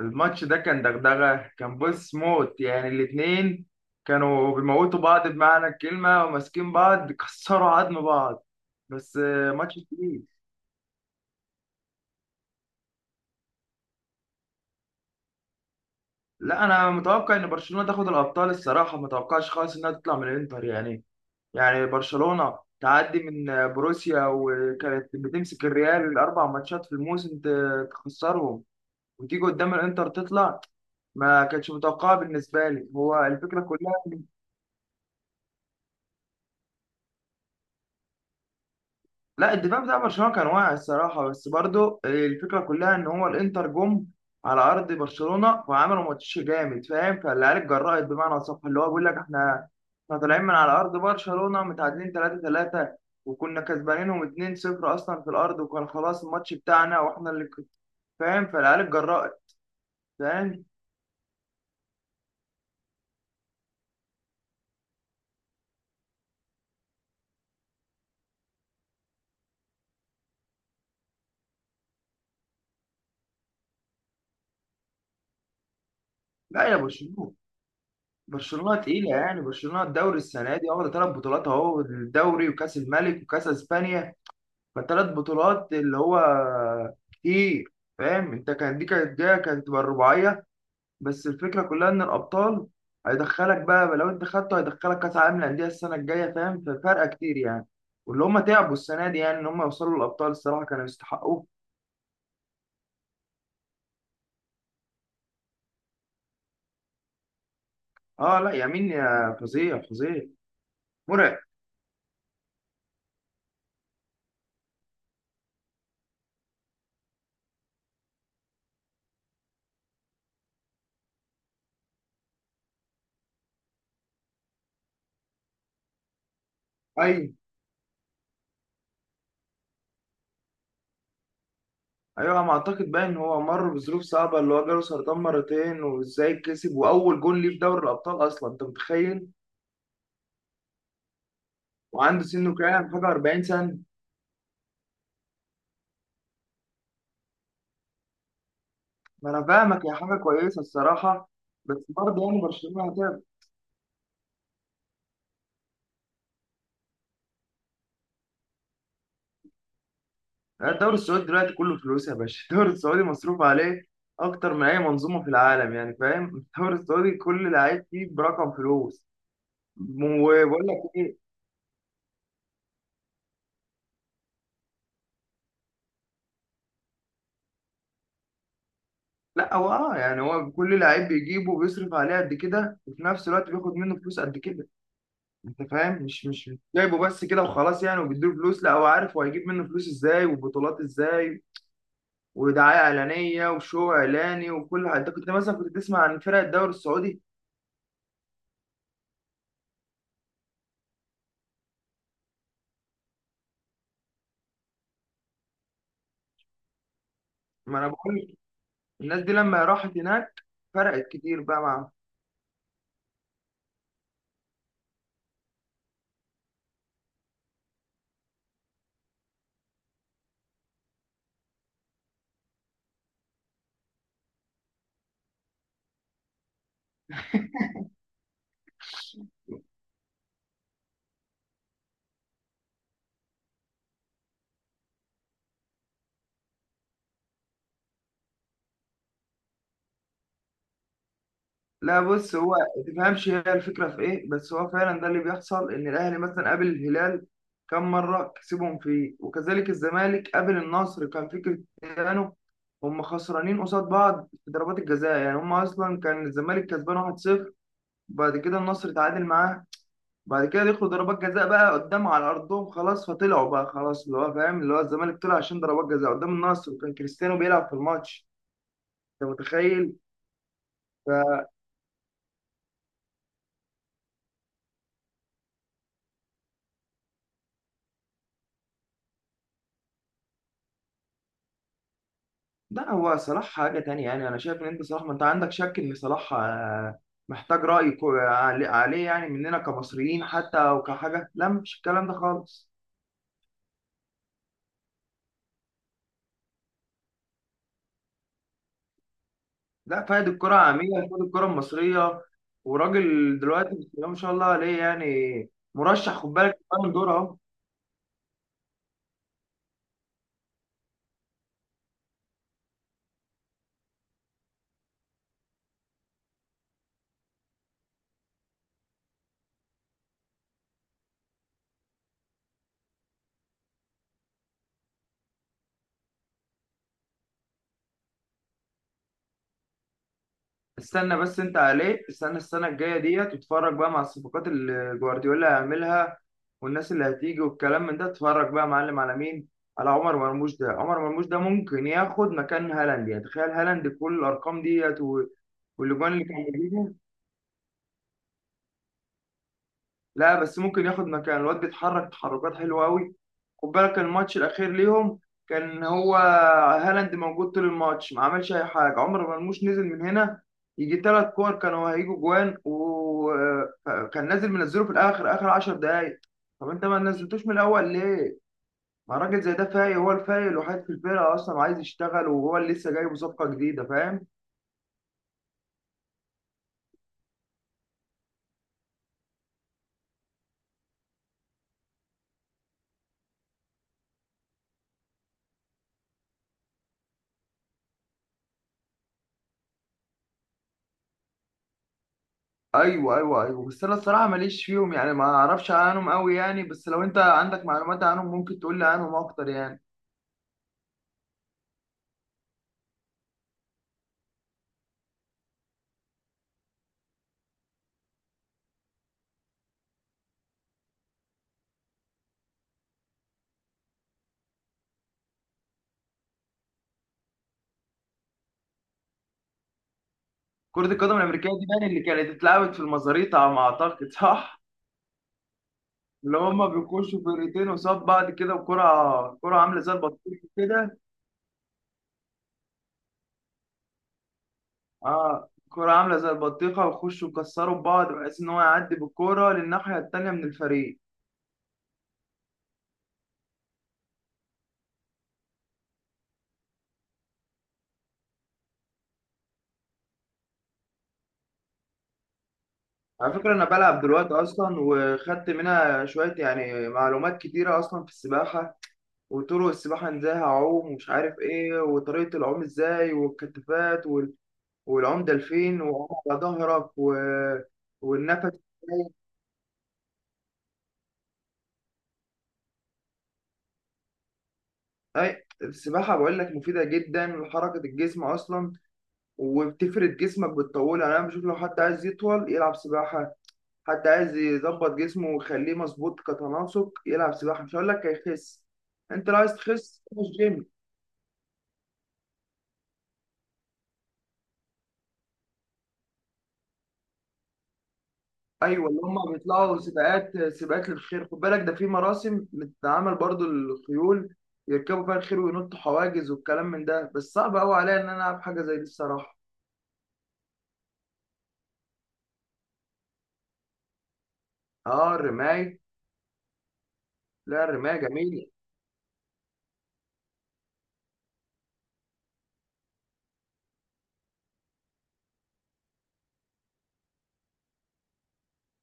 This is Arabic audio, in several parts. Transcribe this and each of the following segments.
الماتش ده كان دغدغة، كان بص موت يعني. الاتنين كانوا بيموتوا بعض بمعنى الكلمة وماسكين بعض كسروا عظم بعض. بس ماتش كبير. لا، أنا متوقع إن برشلونة تاخد الأبطال الصراحة، ما توقعش خالص إنها تطلع من الإنتر يعني. يعني برشلونة تعدي من بروسيا وكانت بتمسك الريال الأربع ماتشات في الموسم تخسرهم، وتيجي قدام الإنتر تطلع. ما كانتش متوقعة بالنسبة لي هو الفكرة كلها. لا، الدفاع بتاع برشلونة كان واعي الصراحة، بس برضو الفكرة كلها إن هو الإنتر جم على أرض برشلونة وعملوا ماتش جامد، فاهم؟ فالعيال اتجرأت بمعنى أصح، اللي هو بيقول لك إحنا طالعين من على أرض برشلونة متعادلين 3-3، وكنا كسبانينهم 2-0 أصلا في الأرض وكان خلاص الماتش بتاعنا وإحنا اللي فاهم؟ فالعيال اتجرأت، فاهم؟ لا يا برشلونة، برشلونة تقيلة يعني. برشلونة الدوري السنة دي واخدة ثلاث بطولات أهو، الدوري وكأس الملك وكأس إسبانيا، فالتلات بطولات اللي هو كتير، فاهم انت؟ كان دي كانت جايه كانت تبقى الرباعيه، بس الفكره كلها ان الابطال هيدخلك بقى لو انت خدته، هيدخلك كاس عالم للانديه السنه الجايه، فاهم؟ ففرقه كتير يعني، واللي هم تعبوا السنه دي يعني ان هم يوصلوا للابطال الصراحه كانوا يستحقوه. اه لا، يمين يا فظيع، فظيع، مرعب. ايوه ايوه، انا اعتقد بقى ان هو مر بظروف صعبه، اللي هو جاله سرطان مرتين، وازاي كسب واول جون ليه في دوري الابطال اصلا، انت متخيل؟ وعنده سنه كام حاجه؟ 40 سنه. ما انا فاهمك، هي حاجه كويسه الصراحه، بس برضه يعني برشلونه هتعب. الدوري السعودي دلوقتي كله فلوس يا باشا الدوري السعودي مصروف عليه اكتر من اي منظومه في العالم يعني، فاهم؟ الدوري السعودي كل لعيب فيه برقم فلوس. وبقول لك ايه، لا هو اه يعني هو كل لعيب بيجيبه بيصرف عليه قد كده، وفي نفس الوقت بياخد منه فلوس قد كده، انت فاهم؟ مش جايبه بس كده وخلاص يعني وبيديله فلوس، لا هو عارف هو هيجيب منه فلوس ازاي وبطولات ازاي ودعايه اعلانيه وشو اعلاني وكل حاجه. انت كنت مثلا كنت تسمع عن فرق الدوري السعودي؟ ما انا بقول لك، الناس دي لما راحت هناك فرقت كتير بقى معاهم. لا بص، هو ما تفهمش هي الفكره في ايه، بس هو فعلا ده اللي بيحصل، ان الاهلي مثلا قابل الهلال كم مره كسبهم فيه، وكذلك الزمالك قابل النصر كان في كريستيانو، هم خسرانين قصاد بعض في ضربات الجزاء يعني. هم اصلا كان الزمالك كسبان 1-0، بعد كده النصر تعادل معاه، بعد كده دخلوا ضربات جزاء بقى قدام على ارضهم خلاص، فطلعوا بقى خلاص اللي هو فاهم، اللي هو الزمالك طلع عشان ضربات جزاء قدام النصر، وكان كريستيانو بيلعب في الماتش، انت متخيل؟ ف لا هو صلاح حاجه تانية يعني. انا شايف ان انت صلاح، ما انت عندك شك ان صلاح محتاج راي عليه يعني مننا كمصريين حتى، او كحاجه لا مفيش الكلام ده خالص. لا، فايد الكره عاميه، فايد الكره المصريه، وراجل دلوقتي بسم الله ما شاء الله عليه يعني، مرشح خد بالك بالون دور اهو. استنى بس انت عليه، استنى السنه الجايه ديت واتفرج بقى مع الصفقات اللي جوارديولا هيعملها والناس اللي هتيجي والكلام من ده. اتفرج بقى يا معلم على مين، على عمر مرموش. ده عمر مرموش ده ممكن ياخد مكان هالاند يعني، تخيل هالاند بكل الارقام ديت والاجوان اللي كان بيجيبها. لا بس ممكن ياخد مكان، الواد بيتحرك تحركات حلوه قوي. خد بالك الماتش الاخير ليهم، كان هو هالاند موجود طول الماتش ما عملش اي حاجه، عمر مرموش نزل من هنا، يجي ثلاث كور كانوا هيجوا جوان، وكان نازل منزله في الاخر اخر 10 دقايق. طب انت ما نزلتوش من الاول ليه؟ ما راجل زي ده فايق، هو الفايق الوحيد في الفرقه اصلا عايز يشتغل وهو اللي لسه جايب صفقه جديده، فاهم؟ ايوه ايوه ايوه، بس انا الصراحه ماليش فيهم يعني، ما اعرفش عنهم قوي يعني، بس لو انت عندك معلومات عنهم ممكن تقول لي عنهم اكتر يعني. كرة القدم الأمريكية دي يعني اللي كانت اتلعبت في المزاريطة على ما أعتقد، صح؟ اللي هما بيخشوا فرقتين قصاد بعض كده، وكرة عاملة زي البطيخة كده. اه كرة عاملة زي البطيخة، ويخشوا يكسروا بعض بحيث إن هو يعدي بالكرة للناحية التانية من الفريق. على فكرة أنا بلعب دلوقتي أصلا، وخدت منها شوية يعني معلومات كتيرة أصلا في السباحة، وطرق السباحة إزاي هعوم ومش عارف إيه، وطريقة العوم إزاي، والكتفات، والعمدة لفين، وعلى ظهرك، و... والنفس إزاي. أي السباحة بقول لك مفيدة جدا لحركة الجسم أصلا، وبتفرد جسمك بتطوله يعني. أنا بشوف لو حد عايز يطول يلعب سباحة، حد عايز يظبط جسمه ويخليه مظبوط كتناسق يلعب سباحة، مش هقول لك هيخس، أنت لو عايز تخس روح الجيم. ايوه، اللي هم بيطلعوا سباقات، سباقات للخيل خد بالك، ده في مراسم بتتعمل برضو الخيول يركبوا فيها الخيل وينطوا حواجز والكلام من ده، بس صعب قوي عليا ان انا العب حاجه زي دي الصراحه. اه الرمايه، لا الرمايه جميله.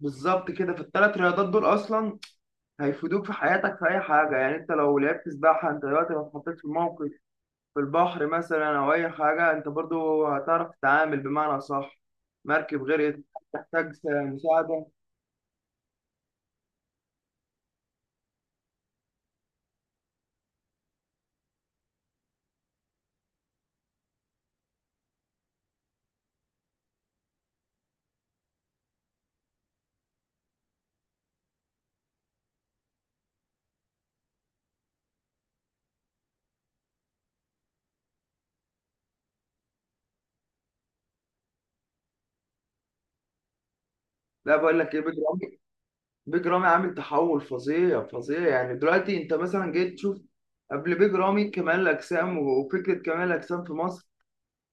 بالظبط كده، في الثلاث رياضات دول اصلا هيفيدوك في حياتك في اي حاجه يعني. انت لو لعبت سباحه، انت دلوقتي لو اتحطيت في موقف في البحر مثلا او اي حاجه، انت برضو هتعرف تتعامل بمعنى صح، مركب غرقت تحتاج مساعده. لا بقول لك ايه بجد، بيج رامي عامل تحول فظيع، فظيع يعني. دلوقتي انت مثلا جيت تشوف قبل بيج رامي كمال الاجسام وفكره كمال الاجسام في مصر،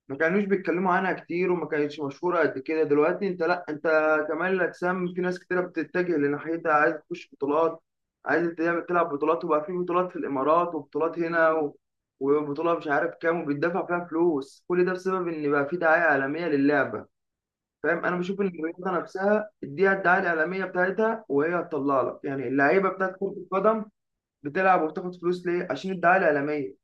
ما كانوش بيتكلموا عنها كتير وما كانتش مشهوره قد كده. دلوقتي انت لا، انت كمال الاجسام في ناس كتيره بتتجه لناحيتها، عايز تخش بطولات، عايز تعمل تلعب بطولات، وبقى في بطولات في الامارات وبطولات هنا، و... وبطوله مش عارف كام وبيدفع فيها فلوس، كل ده بسبب ان بقى في دعايه عالميه للعبه، فاهم؟ انا بشوف ان الرياضه نفسها اديها الدعايه الاعلاميه بتاعتها وهي هتطلع لك، يعني اللعيبه بتاعت كره القدم بتلعب وبتاخد فلوس ليه؟ عشان الدعايه الاعلاميه.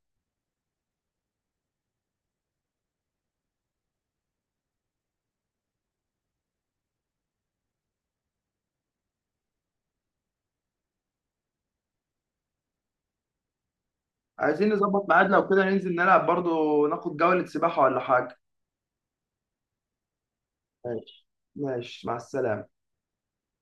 عايزين نظبط ميعاد لو كده، ننزل نلعب برضو ناخد جوله سباحه ولا حاجه. ماشي، ماشي، مع السلامه.